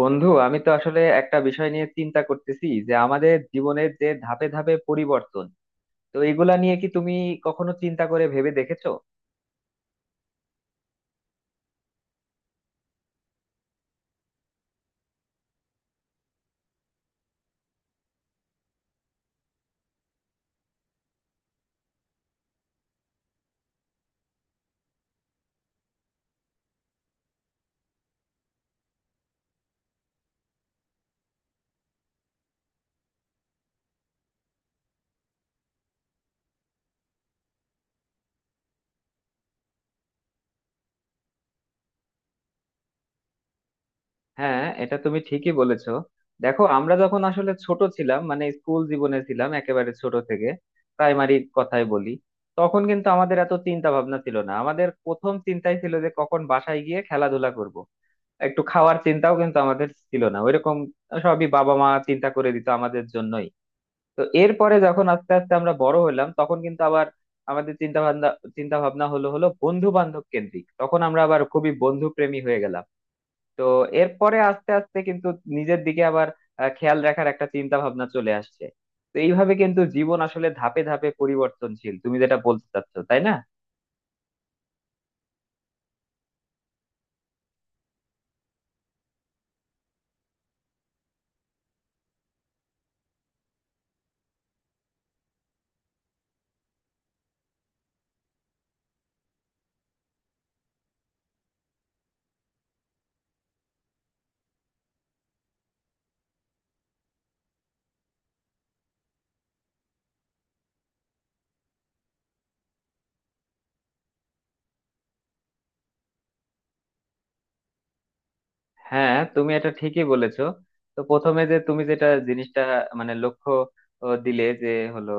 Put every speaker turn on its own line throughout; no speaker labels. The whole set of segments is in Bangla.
বন্ধু, আমি তো আসলে একটা বিষয় নিয়ে চিন্তা করতেছি যে আমাদের জীবনের যে ধাপে ধাপে পরিবর্তন, তো এগুলা নিয়ে কি তুমি কখনো চিন্তা করে ভেবে দেখেছো? হ্যাঁ, এটা তুমি ঠিকই বলেছো। দেখো, আমরা যখন আসলে ছোট ছিলাম, মানে স্কুল জীবনে ছিলাম একেবারে ছোট থেকে, প্রাইমারি কথাই বলি, তখন কিন্তু আমাদের এত চিন্তা ভাবনা ছিল না। আমাদের প্রথম চিন্তাই ছিল যে কখন বাসায় গিয়ে খেলাধুলা করব। একটু খাওয়ার চিন্তাও কিন্তু আমাদের ছিল না ওইরকম, সবই বাবা মা চিন্তা করে দিত আমাদের জন্যই। তো এরপরে যখন আস্তে আস্তে আমরা বড় হলাম, তখন কিন্তু আবার আমাদের চিন্তা ভাবনা হলো হলো বন্ধু বান্ধব কেন্দ্রিক। তখন আমরা আবার খুবই বন্ধু প্রেমী হয়ে গেলাম। তো এরপরে আস্তে আস্তে কিন্তু নিজের দিকে আবার খেয়াল রাখার একটা চিন্তা ভাবনা চলে আসছে। তো এইভাবে কিন্তু জীবন আসলে ধাপে ধাপে পরিবর্তনশীল, তুমি যেটা বলতে চাচ্ছো, তাই না? হ্যাঁ, তুমি এটা ঠিকই বলেছো। তো প্রথমে যে তুমি যেটা জিনিসটা, মানে লক্ষ্য ও, দিলে যে হলো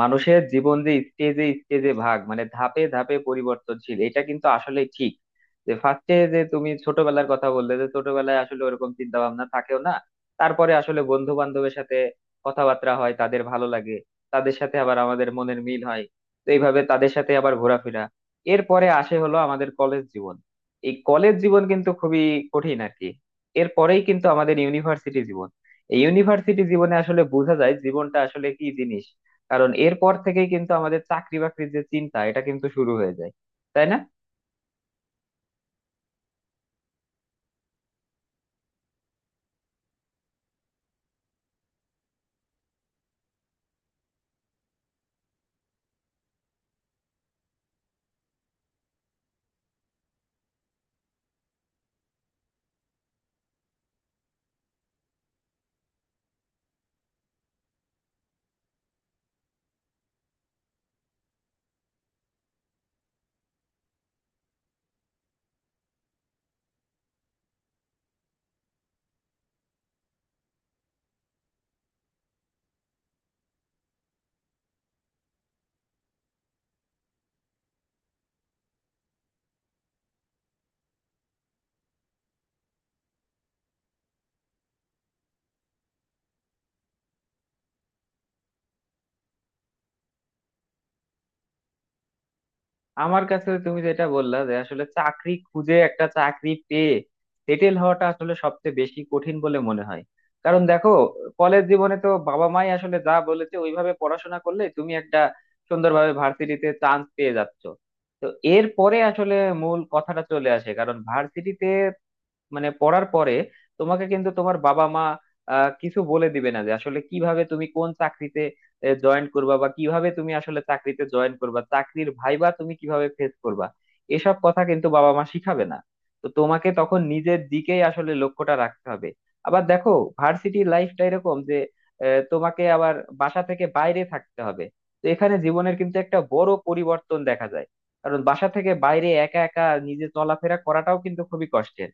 মানুষের জীবন যে স্টেজে স্টেজে ভাগ, মানে ধাপে ধাপে পরিবর্তনশীল, এটা কিন্তু আসলে ঠিক। যে ফার্স্টে যে তুমি ছোটবেলার কথা বললে, যে ছোটবেলায় আসলে ওরকম চিন্তা ভাবনা থাকেও না। তারপরে আসলে বন্ধু বান্ধবের সাথে কথাবার্তা হয়, তাদের ভালো লাগে, তাদের সাথে আবার আমাদের মনের মিল হয়। তো এইভাবে তাদের সাথে আবার ঘোরাফেরা। এরপরে আসে হলো আমাদের কলেজ জীবন। এই কলেজ জীবন কিন্তু খুবই কঠিন আর কি। এরপরেই কিন্তু আমাদের ইউনিভার্সিটি জীবন। এই ইউনিভার্সিটি জীবনে আসলে বোঝা যায় জীবনটা আসলে কি জিনিস। কারণ এরপর থেকেই কিন্তু আমাদের চাকরি বাকরির যে চিন্তা, এটা কিন্তু শুরু হয়ে যায়, তাই না? আমার কাছে তুমি যেটা বললা, যে আসলে চাকরি খুঁজে একটা চাকরি পেয়ে সেটেল হওয়াটা আসলে সবচেয়ে বেশি কঠিন বলে মনে হয়। কারণ দেখো, কলেজ জীবনে তো বাবা মাই আসলে যা বলেছে ওইভাবে পড়াশোনা করলে তুমি একটা সুন্দরভাবে ভার্সিটিতে চান্স পেয়ে যাচ্ছ। তো এরপরে আসলে মূল কথাটা চলে আসে, কারণ ভার্সিটিতে মানে পড়ার পরে তোমাকে কিন্তু তোমার বাবা মা কিছু বলে দিবে না যে আসলে কিভাবে তুমি কোন চাকরিতে জয়েন করবা, বা কিভাবে তুমি আসলে চাকরিতে জয়েন করবা, চাকরির ভাইবা তুমি কিভাবে ফেস করবা, এসব কথা কিন্তু বাবা মা শিখাবে না। তো তোমাকে তখন নিজের দিকেই আসলে লক্ষ্যটা রাখতে হবে। আবার দেখো, ভার্সিটি লাইফটা এরকম যে তোমাকে আবার বাসা থেকে বাইরে থাকতে হবে। তো এখানে জীবনের কিন্তু একটা বড় পরিবর্তন দেখা যায়, কারণ বাসা থেকে বাইরে একা একা নিজে চলাফেরা করাটাও কিন্তু খুবই কষ্টের।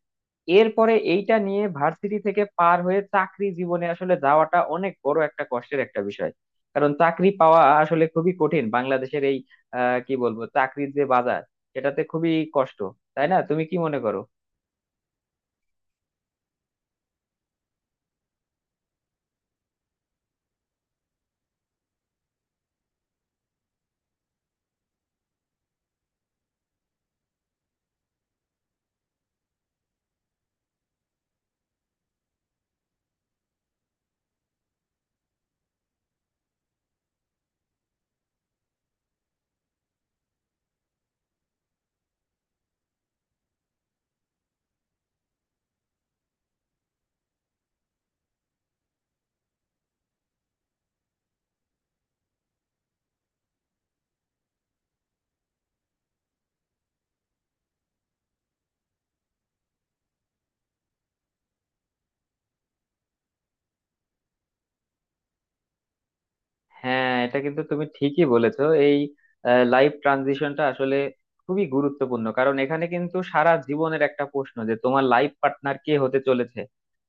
এরপরে এইটা নিয়ে ভার্সিটি থেকে পার হয়ে চাকরি জীবনে আসলে যাওয়াটা অনেক বড় একটা কষ্টের একটা বিষয়। কারণ চাকরি পাওয়া আসলে খুবই কঠিন বাংলাদেশের এই কি বলবো, চাকরির যে বাজার, সেটাতে খুবই কষ্ট, তাই না? তুমি কি মনে করো? হ্যাঁ, এটা কিন্তু তুমি ঠিকই বলেছো। এই লাইফ ট্রানজিশনটা আসলে খুবই গুরুত্বপূর্ণ, কারণ এখানে কিন্তু সারা জীবনের একটা প্রশ্ন যে তোমার লাইফ পার্টনার কে হতে চলেছে।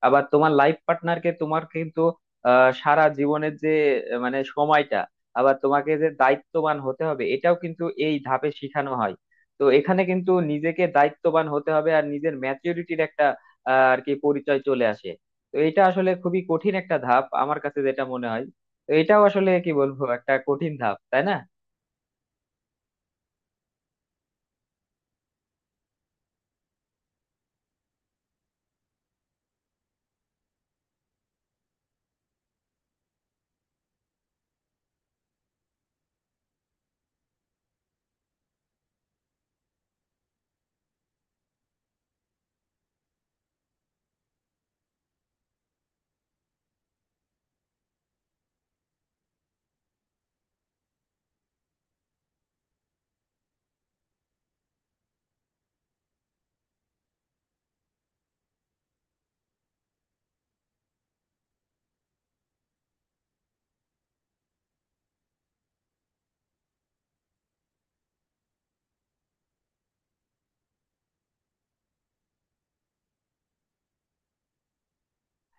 আবার তোমার লাইফ পার্টনারকে তোমার কিন্তু সারা জীবনের যে মানে সময়টা, আবার তোমাকে যে দায়িত্ববান হতে হবে এটাও কিন্তু এই ধাপে শিখানো হয়। তো এখানে কিন্তু নিজেকে দায়িত্ববান হতে হবে, আর নিজের ম্যাচুরিটির একটা আর কি পরিচয় চলে আসে। তো এটা আসলে খুবই কঠিন একটা ধাপ আমার কাছে যেটা মনে হয়। তো এটাও আসলে কি বলবো একটা কঠিন ধাপ, তাই না?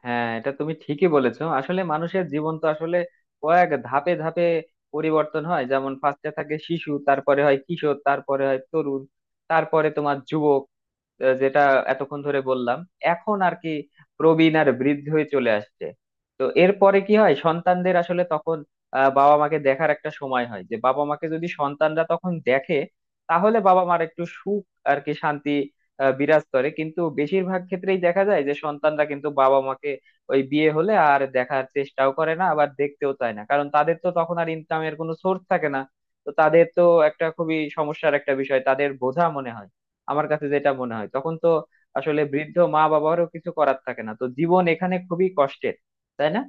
হ্যাঁ, এটা তুমি ঠিকই বলেছো। আসলে মানুষের জীবন তো আসলে কয়েক ধাপে ধাপে পরিবর্তন হয়। যেমন ফার্স্টে থাকে শিশু, তারপরে হয় কিশোর, তারপরে হয় তরুণ, তারপরে তোমার যুবক, যেটা এতক্ষণ ধরে বললাম, এখন আর কি প্রবীণ আর বৃদ্ধ হয়ে চলে আসছে। তো এরপরে কি হয়, সন্তানদের আসলে তখন বাবা মাকে দেখার একটা সময় হয়, যে বাবা মাকে যদি সন্তানরা তখন দেখে, তাহলে বাবা মার একটু সুখ আর কি শান্তি বিরাজ করে। কিন্তু বেশিরভাগ ক্ষেত্রেই দেখা যায় যে সন্তানরা কিন্তু বাবা মাকে ওই বিয়ে হলে আর দেখার চেষ্টাও করে না, আবার দেখতেও চায় না, কারণ তাদের তো তখন আর ইনকামের কোনো সোর্স থাকে না। তো তাদের তো একটা খুবই সমস্যার একটা বিষয়, তাদের বোঝা মনে হয়, আমার কাছে যেটা মনে হয়। তখন তো আসলে বৃদ্ধ মা বাবারও কিছু করার থাকে না, তো জীবন এখানে খুবই কষ্টের, তাই না?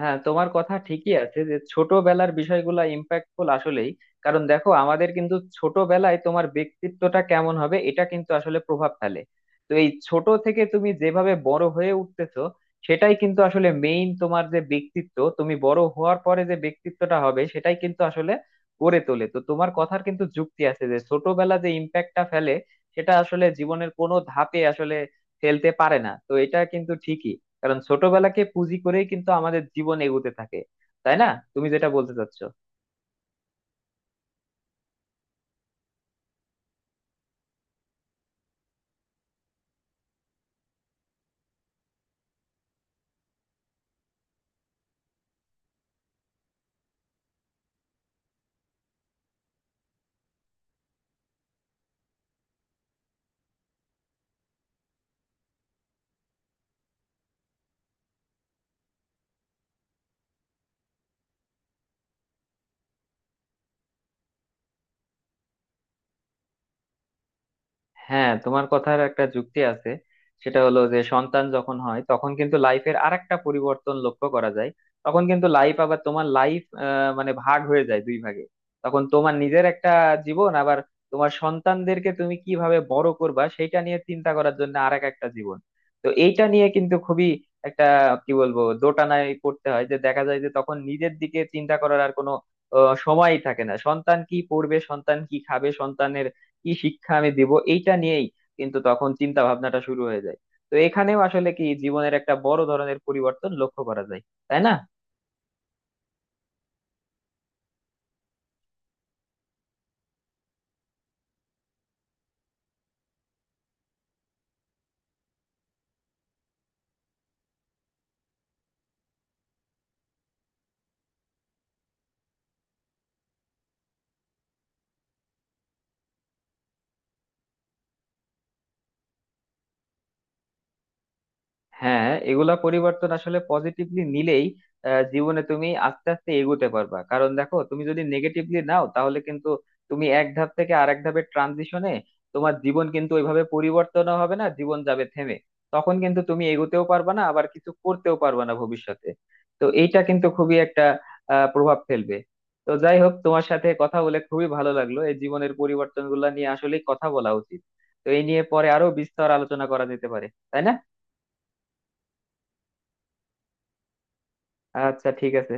হ্যাঁ, তোমার কথা ঠিকই আছে যে ছোটবেলার বিষয়গুলো ইম্প্যাক্টফুল আসলেই। কারণ দেখো, আমাদের কিন্তু ছোটবেলায় তোমার ব্যক্তিত্বটা কেমন হবে, এটা কিন্তু আসলে প্রভাব ফেলে। তো এই ছোট থেকে তুমি যেভাবে বড় হয়ে উঠতেছো, সেটাই কিন্তু আসলে মেইন। তোমার যে ব্যক্তিত্ব তুমি বড় হওয়ার পরে যে ব্যক্তিত্বটা হবে, সেটাই কিন্তু আসলে গড়ে তোলে। তো তোমার কথার কিন্তু যুক্তি আছে যে ছোটবেলা যে ইম্প্যাক্টটা ফেলে, সেটা আসলে জীবনের কোনো ধাপে আসলে ফেলতে পারে না। তো এটা কিন্তু ঠিকই, কারণ ছোটবেলাকে পুঁজি করেই কিন্তু আমাদের জীবন এগোতে থাকে, তাই না? তুমি যেটা বলতে চাচ্ছ। হ্যাঁ, তোমার কথার একটা যুক্তি আছে, সেটা হলো যে সন্তান যখন হয় তখন কিন্তু লাইফের আরেকটা পরিবর্তন লক্ষ্য করা যায়। তখন কিন্তু লাইফ আবার, তোমার লাইফ মানে ভাগ হয়ে যায় দুই ভাগে। তখন তোমার নিজের একটা জীবন, আবার তোমার সন্তানদেরকে তুমি কিভাবে বড় করবা সেইটা নিয়ে চিন্তা করার জন্য আরেক একটা জীবন। তো এইটা নিয়ে কিন্তু খুবই একটা কি বলবো দোটানায় পড়তে হয়, যে দেখা যায় যে তখন নিজের দিকে চিন্তা করার আর কোনো সময়ই থাকে না। সন্তান কি পড়বে, সন্তান কি খাবে, সন্তানের কি শিক্ষা আমি দিব, এইটা নিয়েই কিন্তু তখন চিন্তা ভাবনাটা শুরু হয়ে যায়। তো এখানেও আসলে কি, জীবনের একটা বড় ধরনের পরিবর্তন লক্ষ্য করা যায়, তাই না? হ্যাঁ, এগুলা পরিবর্তন আসলে পজিটিভলি নিলেই জীবনে তুমি আস্তে আস্তে এগোতে পারবা। কারণ দেখো, তুমি যদি নেগেটিভলি নাও তাহলে কিন্তু তুমি এক ধাপ থেকে আরেক ধাপের ট্রানজিশনে তোমার জীবন কিন্তু ওইভাবে পরিবর্তনও হবে না, জীবন যাবে থেমে। তখন কিন্তু তুমি এগোতেও পারবা না, আবার কিছু করতেও পারবা না ভবিষ্যতে। তো এইটা কিন্তু খুবই একটা প্রভাব ফেলবে। তো যাই হোক, তোমার সাথে কথা বলে খুবই ভালো লাগলো, এই জীবনের পরিবর্তনগুলো নিয়ে আসলেই কথা বলা উচিত। তো এই নিয়ে পরে আরো বিস্তর আলোচনা করা যেতে পারে, তাই না? আচ্ছা, ঠিক আছে।